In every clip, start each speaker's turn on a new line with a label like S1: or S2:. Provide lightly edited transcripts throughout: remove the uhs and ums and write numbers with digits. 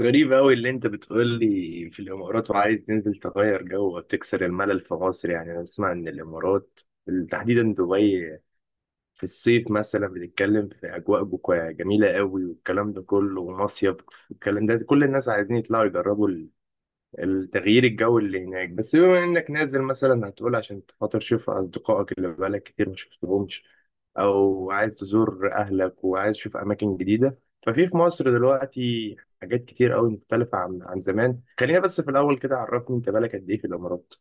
S1: غريب أوي اللي أنت بتقول لي. في الإمارات وعايز تنزل تغير جو وتكسر الملل في مصر، يعني أنا أسمع إن الإمارات تحديدا دبي في الصيف مثلا، بنتكلم في أجواء جميلة أوي والكلام ده كله ومصيف والكلام ده، كل الناس عايزين يطلعوا يجربوا التغيير الجو اللي هناك. بس بما انك نازل مثلا هتقول عشان خاطر تشوف اصدقائك اللي بقالك كتير ما شفتهمش، او عايز تزور اهلك وعايز تشوف اماكن جديده، ففي في مصر دلوقتي حاجات كتير قوي مختلفه عن زمان. خلينا بس في الاول كده، عرفني انت بالك قد ايه في الامارات.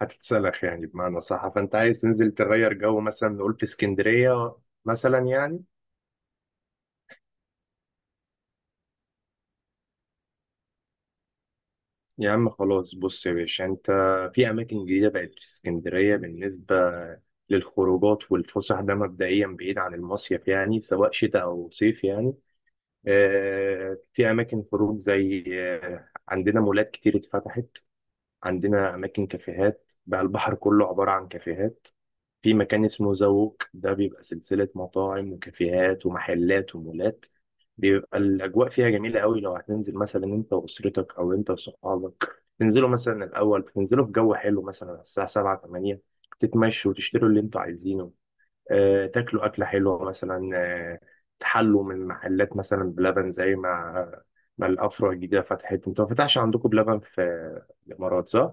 S1: هتتسلخ يعني بمعنى صح. فانت عايز تنزل تغير جو، مثلا نقول في اسكندريه مثلا يعني. يا عم خلاص، بص يا باشا انت، في اماكن جديده بقت في اسكندريه بالنسبه للخروجات والفسح. ده مبدئيا بعيد عن المصيف يعني، سواء شتاء او صيف يعني. آه، في اماكن خروج زي آه، عندنا مولات كتير اتفتحت، عندنا اماكن كافيهات بقى، البحر كله عباره عن كافيهات. في مكان اسمه زوق، ده بيبقى سلسلة مطاعم وكافيهات ومحلات ومولات. بيبقى الأجواء فيها جميلة قوي. لو هتنزل مثلا أنت وأسرتك أو أنت وصحابك، تنزلوا مثلا الأول تنزلوا في جو حلو مثلا على الساعة 7 8، تتمشوا وتشتروا اللي أنتوا عايزينه، آه، تاكلوا أكلة حلوة مثلا، آه، تحلوا من محلات مثلا بلبن. زي ما الأفرع الجديدة فتحت، أنتوا ما فتحش عندكم بلبن في الإمارات صح؟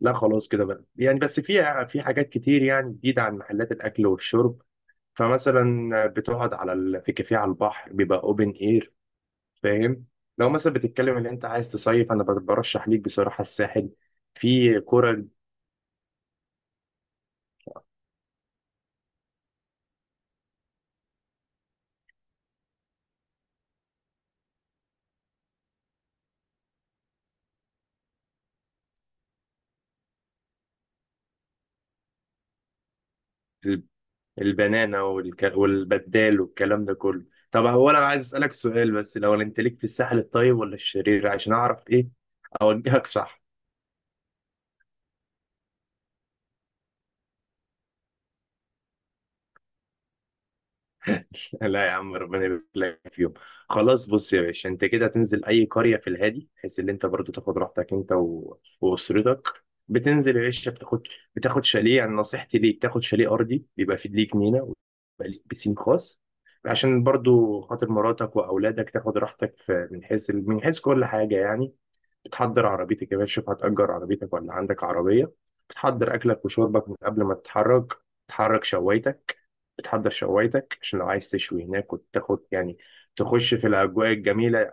S1: لا خلاص كده بقى يعني، بس في حاجات كتير يعني جديدة، عن محلات الأكل والشرب. فمثلا بتقعد على في كافيه على البحر، بيبقى أوبن إير، فاهم. لو مثلا بتتكلم إن أنت عايز تصيف، أنا برشح ليك بصراحة الساحل. في كرة ال- البنانة والبدال والكلام ده كله. طب هو أنا عايز أسألك سؤال بس، لو أنت ليك في الساحل الطيب ولا الشرير، عشان أعرف إيه أوجهك صح. لا يا عم، ربنا يبارك لك فيهم. خلاص بص يا باشا، انت كده هتنزل اي قريه في الهادي، بحيث ان انت برضو تاخد راحتك انت واسرتك. بتنزل يا باشا، بتاخد شاليه. يعني نصيحتي ليك، تاخد شاليه ارضي، بيبقى فيه ليك جنينه ويبقى ليك بسين خاص، عشان برضو خاطر مراتك واولادك تاخد راحتك من حيث من حيث كل حاجه يعني. بتحضر عربيتك يا باشا، شوف هتأجر عربيتك ولا عندك عربية. بتحضر أكلك وشربك من قبل ما تتحرك، بتحرك شوايتك، بتحضر شوايتك عشان لو عايز تشوي هناك، وتاخد يعني تخش في الأجواء الجميلة.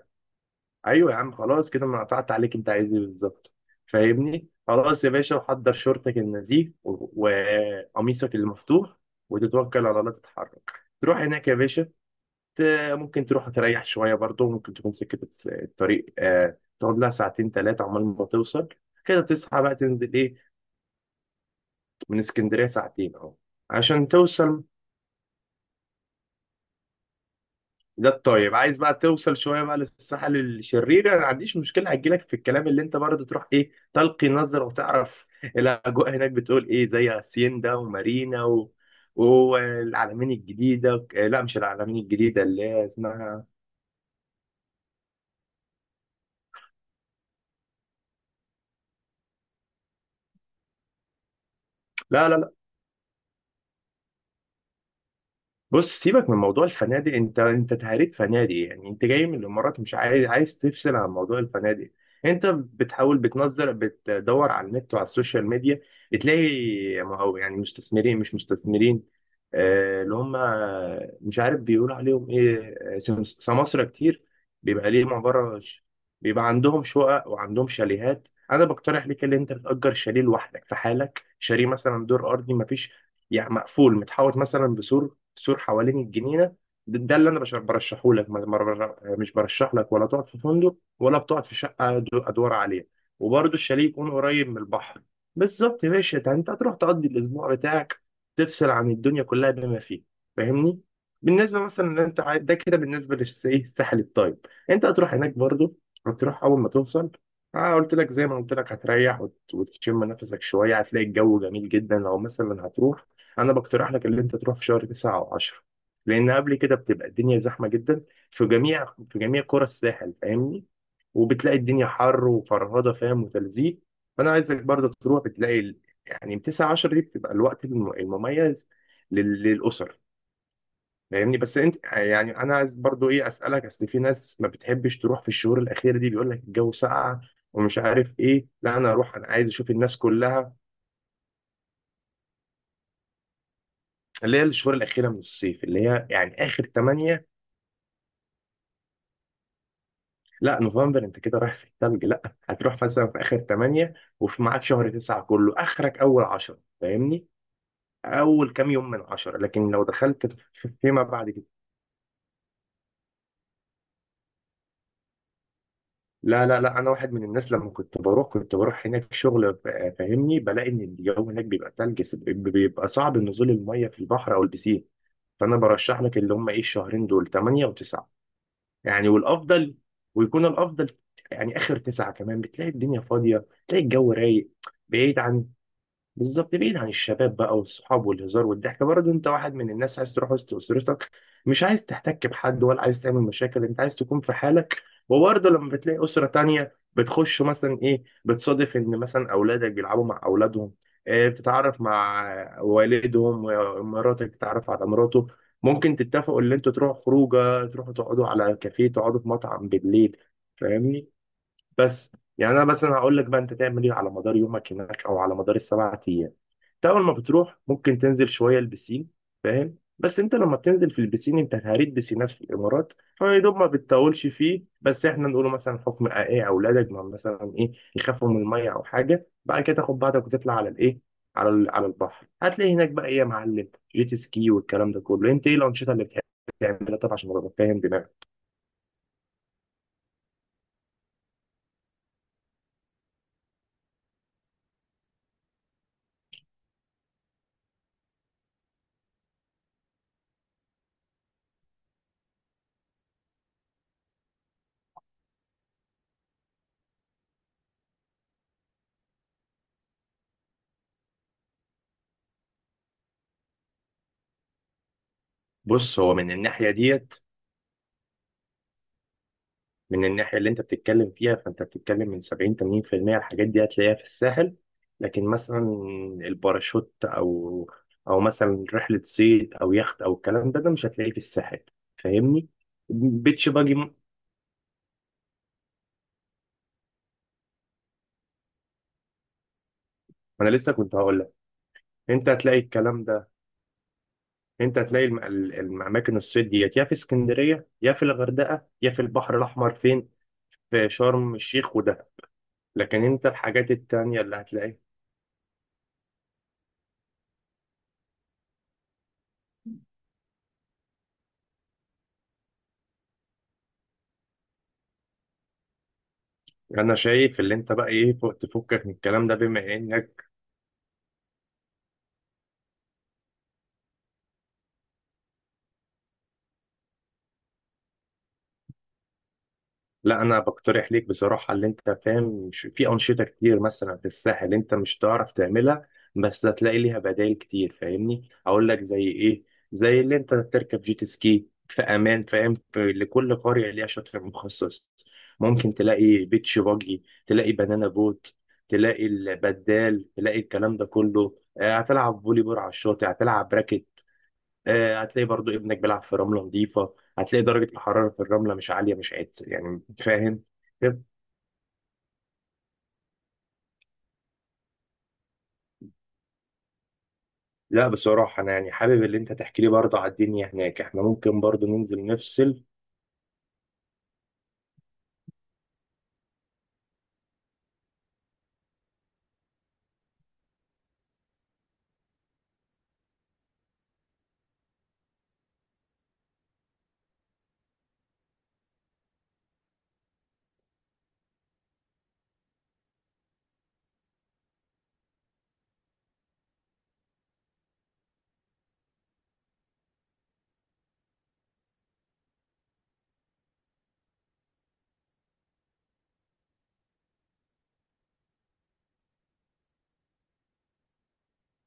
S1: أيوة يا عم، خلاص كده أنا قطعت عليك، أنت عايز إيه بالظبط. فاهمني خلاص يا باشا، وحضر شورتك النزيه وقميصك المفتوح، وتتوكل على الله تتحرك، تروح هناك يا باشا. ت- ممكن تروح تريح شوية برضه، ممكن تكون سكة الطريق آه، تقعد لها ساعتين ثلاثة عمال ما توصل. كده تصحى بقى تنزل إيه. من اسكندرية ساعتين أهو، عشان توصل. ده الطيب. عايز بقى توصل شوية بقى للساحل الشرير، أنا ما عنديش مشكلة، هجيلك في الكلام. اللي أنت برضه تروح إيه تلقي نظرة، وتعرف الأجواء هناك بتقول إيه، زي هاسيندا ومارينا والعلمين الجديدة، آه، لا مش العلمين الجديدة اللي هي اسمها. لا لا لا. بص سيبك من موضوع الفنادق، انت تهريت فنادق يعني، انت جاي من الامارات مش عايز تفصل عن موضوع الفنادق. انت بتحاول بتنظر بتدور على النت وعلى السوشيال ميديا، بتلاقي ما هو يعني مستثمرين مش مستثمرين، آه، اللي هم مش عارف بيقولوا عليهم ايه، آه، سماسرة كتير. بيبقى ليهم عبارة بيبقى عندهم شقق وعندهم شاليهات. انا بقترح ليك ان انت تأجر شاليه لوحدك في حالك، شاليه مثلا دور ارضي، مفيش يعني، مقفول متحوط مثلا بسور، تسور حوالين الجنينه. ده اللي انا برشحه لك. مش برشح لك ولا تقعد في فندق ولا بتقعد في شقه ادوار عاليه. وبرضه الشاليه يكون قريب من البحر. بالظبط يا باشا، ده انت هتروح تقضي الاسبوع بتاعك، تفصل عن الدنيا كلها بما فيه، فاهمني. بالنسبه مثلا ان انت ده كده بالنسبه للساحل الطيب. انت هتروح هناك برضه، هتروح اول ما توصل، اه قلت لك زي ما قلت لك، هتريح وتشم نفسك شويه، هتلاقي الجو جميل جدا. لو مثلا هتروح، انا بقترح لك اللي انت تروح في شهر 9 او 10، لان قبل كده بتبقى الدنيا زحمه جدا في جميع في جميع قرى الساحل، فاهمني. وبتلاقي الدنيا حر وفرهده، فاهم، وتلزيق. فانا عايزك برضه تروح، بتلاقي يعني من 9 10 دي، بتبقى الوقت المميز للاسر، فاهمني. بس انت يعني انا عايز برضه ايه اسالك، اصل في ناس ما بتحبش تروح في الشهور الاخيره دي، بيقول لك الجو ساقع ومش عارف ايه. لا انا اروح، انا عايز اشوف الناس كلها، اللي هي الشهور الاخيره من الصيف، اللي هي يعني اخر 8. لا نوفمبر انت كده رايح في الثلج، لا. هتروح مثلا في اخر 8، وفي معاك شهر 9 كله، اخرك اول 10، فاهمني، اول كام يوم من 10. لكن لو دخلت فيما بعد كده، لا لا لا، انا واحد من الناس لما كنت بروح، كنت بروح هناك شغل، فاهمني، بلاقي ان الجو هناك بيبقى ثلج، بيبقى صعب نزول الميه في البحر او البسين. فانا برشح لك اللي هم ايه، الشهرين دول 8 و9 يعني، والافضل، ويكون الافضل يعني اخر 9 كمان، بتلاقي الدنيا فاضيه، تلاقي الجو رايق، بعيد عن، بالظبط بعيد عن الشباب بقى، والصحاب والهزار والضحك. برضه انت واحد من الناس عايز تروح وسط اسرتك، مش عايز تحتك بحد ولا عايز تعمل مشاكل، انت عايز تكون في حالك. وبرضه لما بتلاقي اسره تانية بتخش مثلا ايه، بتصادف ان مثلا اولادك بيلعبوا مع اولادهم، اه بتتعرف مع والدهم، ومراتك بتتعرف على مراته، ممكن تتفقوا ان انتوا تروحوا خروجه، تروحوا تقعدوا على كافيه، تقعدوا في مطعم بالليل، فاهمني. بس يعني انا مثلا هقول لك بقى انت تعمل ايه على مدار يومك هناك، او على مدار السبع ايام. انت اول ما بتروح ممكن تنزل شويه البسين، فاهم، بس انت لما بتنزل في البسين، انت هريت بسينات في الامارات، فيا دوب ما بتطولش فيه، بس احنا نقوله مثلا حكم ايه اولادك، ما مثلا ايه يخافوا من الميه او حاجه، بعد كده تاخد بعضك وتطلع على الايه، على على البحر. هتلاقي هناك بقى ايه يا معلم، جيت سكي والكلام ده كله. انت ايه الانشطه اللي بتحب تعملها طبعا، عشان ابقى فاهم دماغك. بص هو من الناحيه ديت، من الناحية اللي أنت بتتكلم فيها، فأنت بتتكلم من 70 80% الحاجات دي هتلاقيها في الساحل. لكن مثلا الباراشوت أو أو مثلا رحلة صيد أو يخت أو الكلام ده، ده مش هتلاقيه في الساحل، فاهمني؟ بيتش باجي أنا لسه كنت هقول لك. أنت هتلاقي الكلام ده، أنت هتلاقي الأماكن الصيد ديت، يا في اسكندرية يا في الغردقة يا في البحر الأحمر، فين؟ في شرم الشيخ وده. لكن أنت الحاجات التانية اللي هتلاقيها، انا شايف اللي انت بقى ايه فوق تفكك من الكلام ده، بما انك، لا انا بقترح ليك بصراحه، اللي انت فاهم في انشطه كتير مثلا في الساحل انت مش هتعرف تعملها، بس هتلاقي ليها بدائل كتير، فاهمني اقول لك زي ايه. زي اللي انت تركب جيت سكي في امان، فاهم، في لكل قريه ليها شاطئ مخصص، ممكن تلاقي بيتش باجي، تلاقي بنانا بوت، تلاقي البدال، تلاقي الكلام ده كله، آه، هتلعب فولي بول على الشاطئ، هتلعب راكت، آه، هتلاقي برضو ابنك بيلعب في رملة نظيفة، هتلاقي درجة الحرارة في الرملة مش عالية مش عادية، يعني أنت فاهم. طب، لا بصراحة أنا يعني حابب اللي أنت تحكي لي برضه على الدنيا هناك، إحنا ممكن برضه ننزل نفصل.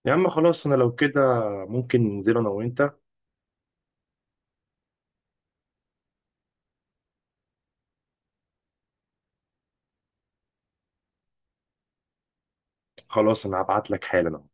S1: يا عم خلاص، أنا لو كده ممكن ننزل أنا وأنت. خلاص، أنا هبعت لك حالا.